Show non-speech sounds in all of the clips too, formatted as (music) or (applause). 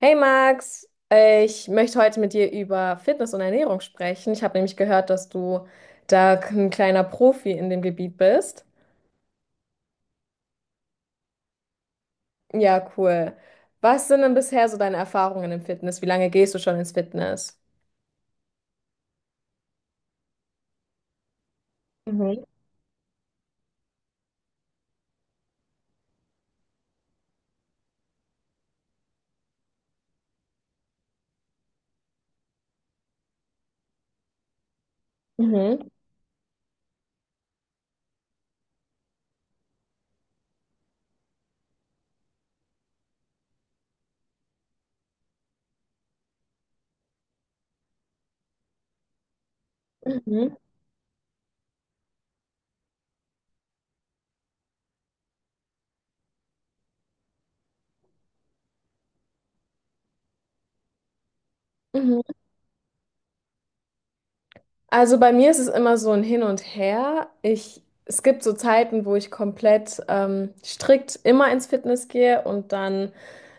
Hey Max, ich möchte heute mit dir über Fitness und Ernährung sprechen. Ich habe nämlich gehört, dass du da ein kleiner Profi in dem Gebiet bist. Ja, cool. Was sind denn bisher so deine Erfahrungen im Fitness? Wie lange gehst du schon ins Fitness? Mhm, mhm, mhm, mhm. Also bei mir ist es immer so ein Hin und Her. Ich, es gibt so Zeiten, wo ich komplett strikt immer ins Fitness gehe und dann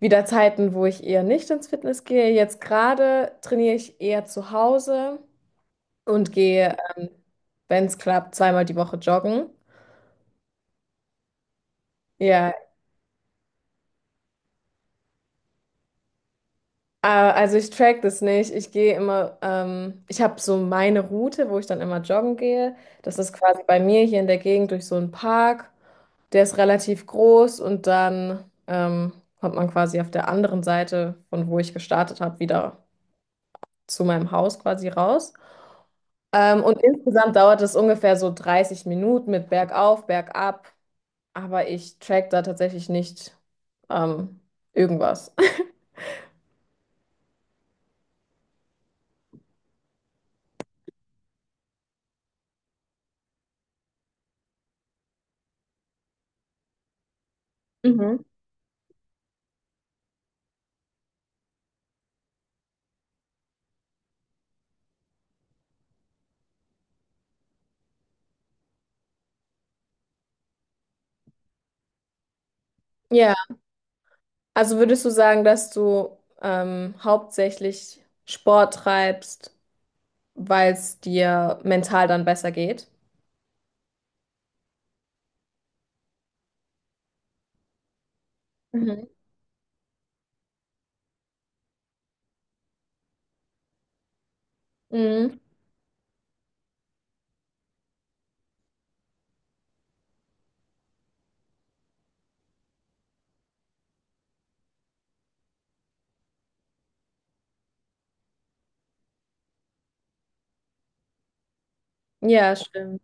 wieder Zeiten, wo ich eher nicht ins Fitness gehe. Jetzt gerade trainiere ich eher zu Hause und gehe, wenn es klappt, zweimal die Woche joggen. Ja, also ich track das nicht. Ich gehe immer, ich habe so meine Route, wo ich dann immer joggen gehe. Das ist quasi bei mir hier in der Gegend durch so einen Park. Der ist relativ groß und dann kommt man quasi auf der anderen Seite, von wo ich gestartet habe, wieder zu meinem Haus quasi raus. Und insgesamt dauert es ungefähr so 30 Minuten mit bergauf, bergab. Aber ich track da tatsächlich nicht ähm, irgendwas. (laughs) Ja, also würdest du sagen, dass du hauptsächlich Sport treibst, weil es dir mental dann besser geht? Mhm. Mhm. Ja, stimmt.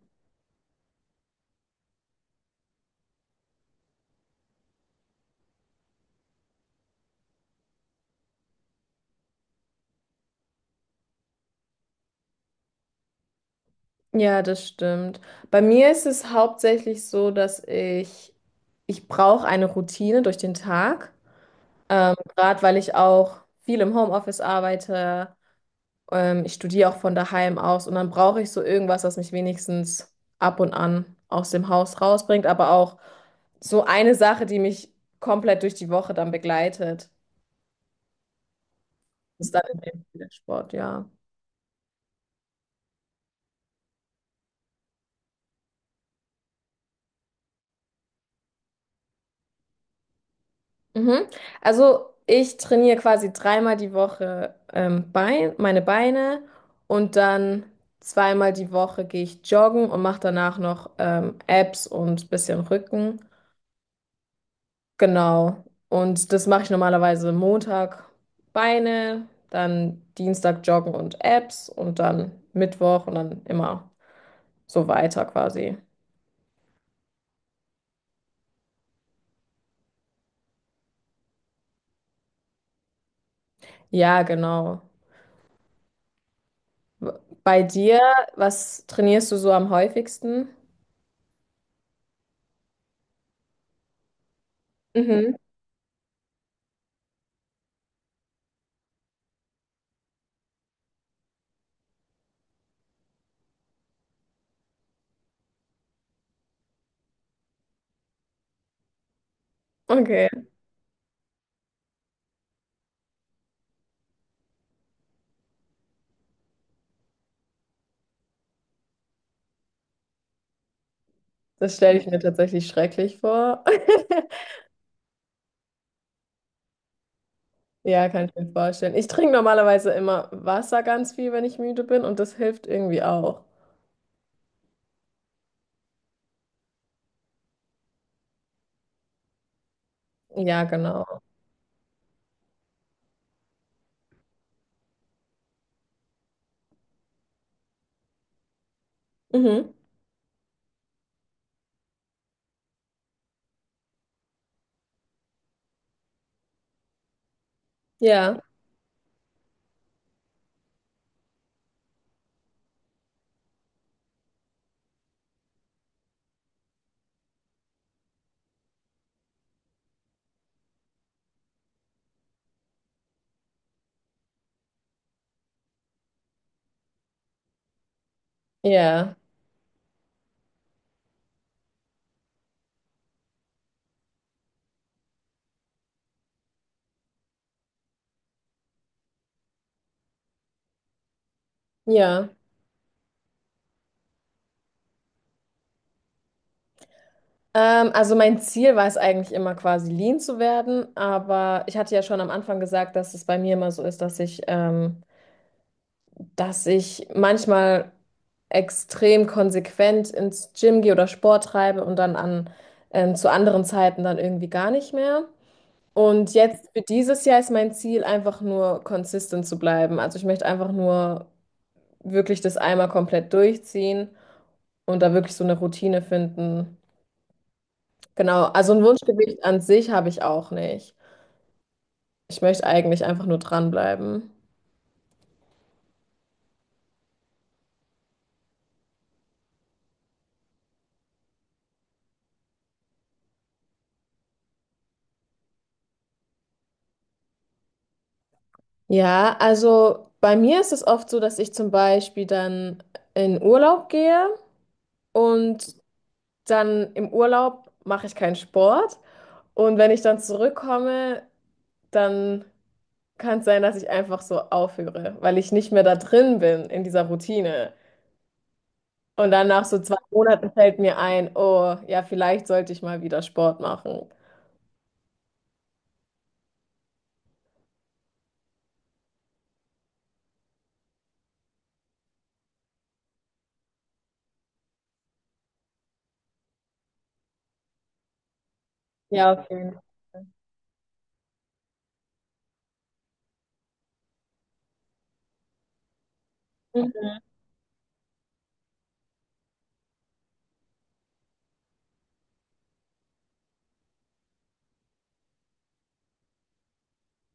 Ja, das stimmt. Bei mir ist es hauptsächlich so, ich brauche eine Routine durch den Tag. Gerade weil ich auch viel im Homeoffice arbeite. Ich studiere auch von daheim aus und dann brauche ich so irgendwas, was mich wenigstens ab und an aus dem Haus rausbringt, aber auch so eine Sache, die mich komplett durch die Woche dann begleitet, ist dann in dem Fall der Sport, ja. Mhm. Also ich trainiere quasi dreimal die Woche meine Beine und dann zweimal die Woche gehe ich joggen und mache danach noch Abs und bisschen Rücken. Genau. Und das mache ich normalerweise Montag Beine, dann Dienstag Joggen und Abs und dann Mittwoch und dann immer so weiter quasi. Ja, genau. W- Bei dir, was trainierst du so am häufigsten? Mhm. Okay, das stelle ich mir tatsächlich schrecklich vor. (laughs) Ja, kann ich mir vorstellen. Ich trinke normalerweise immer Wasser ganz viel, wenn ich müde bin und das hilft irgendwie auch. Ja, genau. Mhm. Ja, ja, ja. Also mein Ziel war es eigentlich immer quasi lean zu werden, aber ich hatte ja schon am Anfang gesagt, dass es bei mir immer so ist, dass ich manchmal extrem konsequent ins Gym gehe oder Sport treibe und dann zu anderen Zeiten dann irgendwie gar nicht mehr. Und jetzt für dieses Jahr ist mein Ziel einfach nur consistent zu bleiben. Also ich möchte einfach nur wirklich das einmal komplett durchziehen und da wirklich so eine Routine finden. Genau, also ein Wunschgewicht an sich habe ich auch nicht. Ich möchte eigentlich einfach nur dranbleiben. Ja, also bei mir ist es oft so, dass ich zum Beispiel dann in Urlaub gehe und dann im Urlaub mache ich keinen Sport. Und wenn ich dann zurückkomme, dann kann es sein, dass ich einfach so aufhöre, weil ich nicht mehr da drin bin in dieser Routine. Und dann nach so zwei Monaten fällt mir ein, oh, ja, vielleicht sollte ich mal wieder Sport machen. Ja, auf jeden Fall.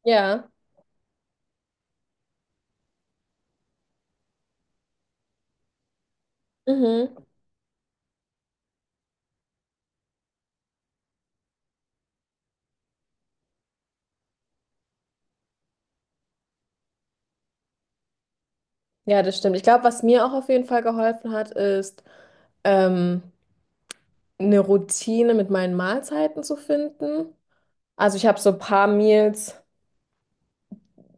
Ja, mhm. Ja, das stimmt. Ich glaube, was mir auch auf jeden Fall geholfen hat, ist, ähm, eine Routine mit meinen Mahlzeiten zu finden. Also ich habe so ein paar Meals,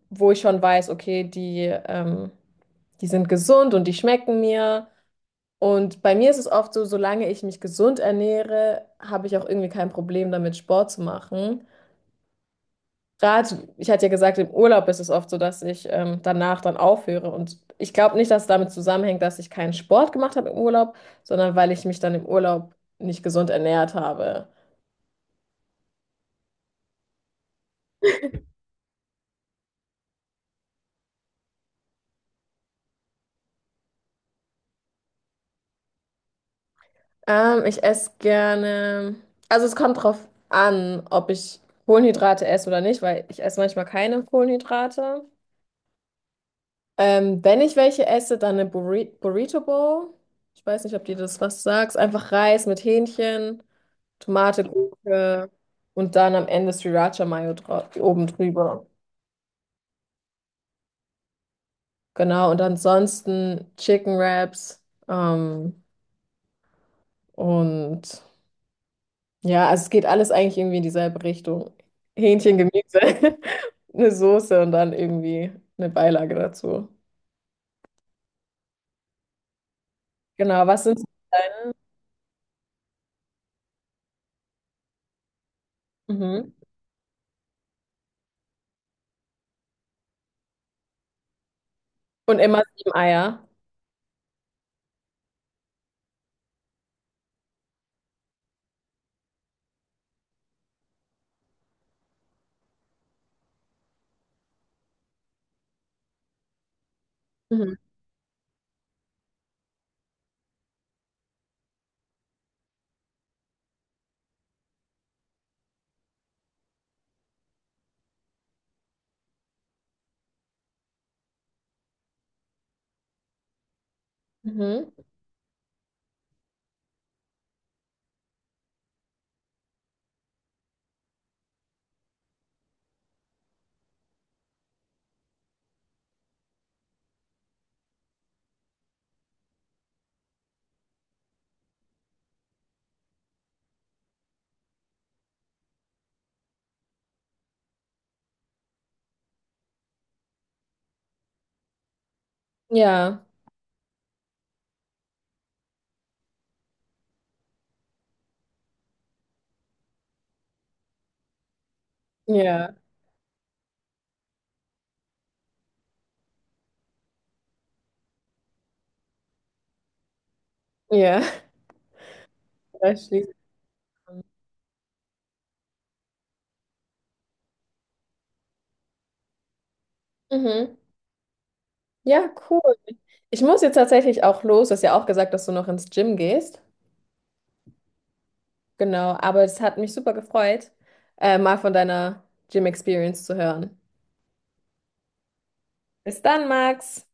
wo ich schon weiß, okay, die sind gesund und die schmecken mir. Und bei mir ist es oft so, solange ich mich gesund ernähre, habe ich auch irgendwie kein Problem damit, Sport zu machen. Gerade, ich hatte ja gesagt, im Urlaub ist es oft so, dass ich danach dann aufhöre. Und ich glaube nicht, dass es damit zusammenhängt, dass ich keinen Sport gemacht habe im Urlaub, sondern weil ich mich dann im Urlaub nicht gesund ernährt habe. Ich esse gerne, also es kommt drauf an, ob ich Kohlenhydrate esse oder nicht, weil ich esse manchmal keine Kohlenhydrate. Wenn ich welche esse, dann eine Burrito Bowl. Ich weiß nicht, ob dir das was sagt. Einfach Reis mit Hähnchen. Tomate, Gurke und dann am Ende Sriracha Mayo dra oben drüber. Genau, und ansonsten Chicken Wraps. Und ja, also es geht alles eigentlich irgendwie in dieselbe Richtung. Hähnchen, Gemüse, (laughs) eine Soße und dann irgendwie eine Beilage dazu. Genau, was sind... Mhm. Und immer 7 Eier. Mhm. Mhm. Ja, ja, ja. (laughs) Da schließt man. Mhm. Ja, cool. Ich muss jetzt tatsächlich auch los. Du hast ja auch gesagt, dass du noch ins Gym gehst. Genau, aber es hat mich super gefreut, mal von deiner Gym-Experience zu hören. Bis dann, Max.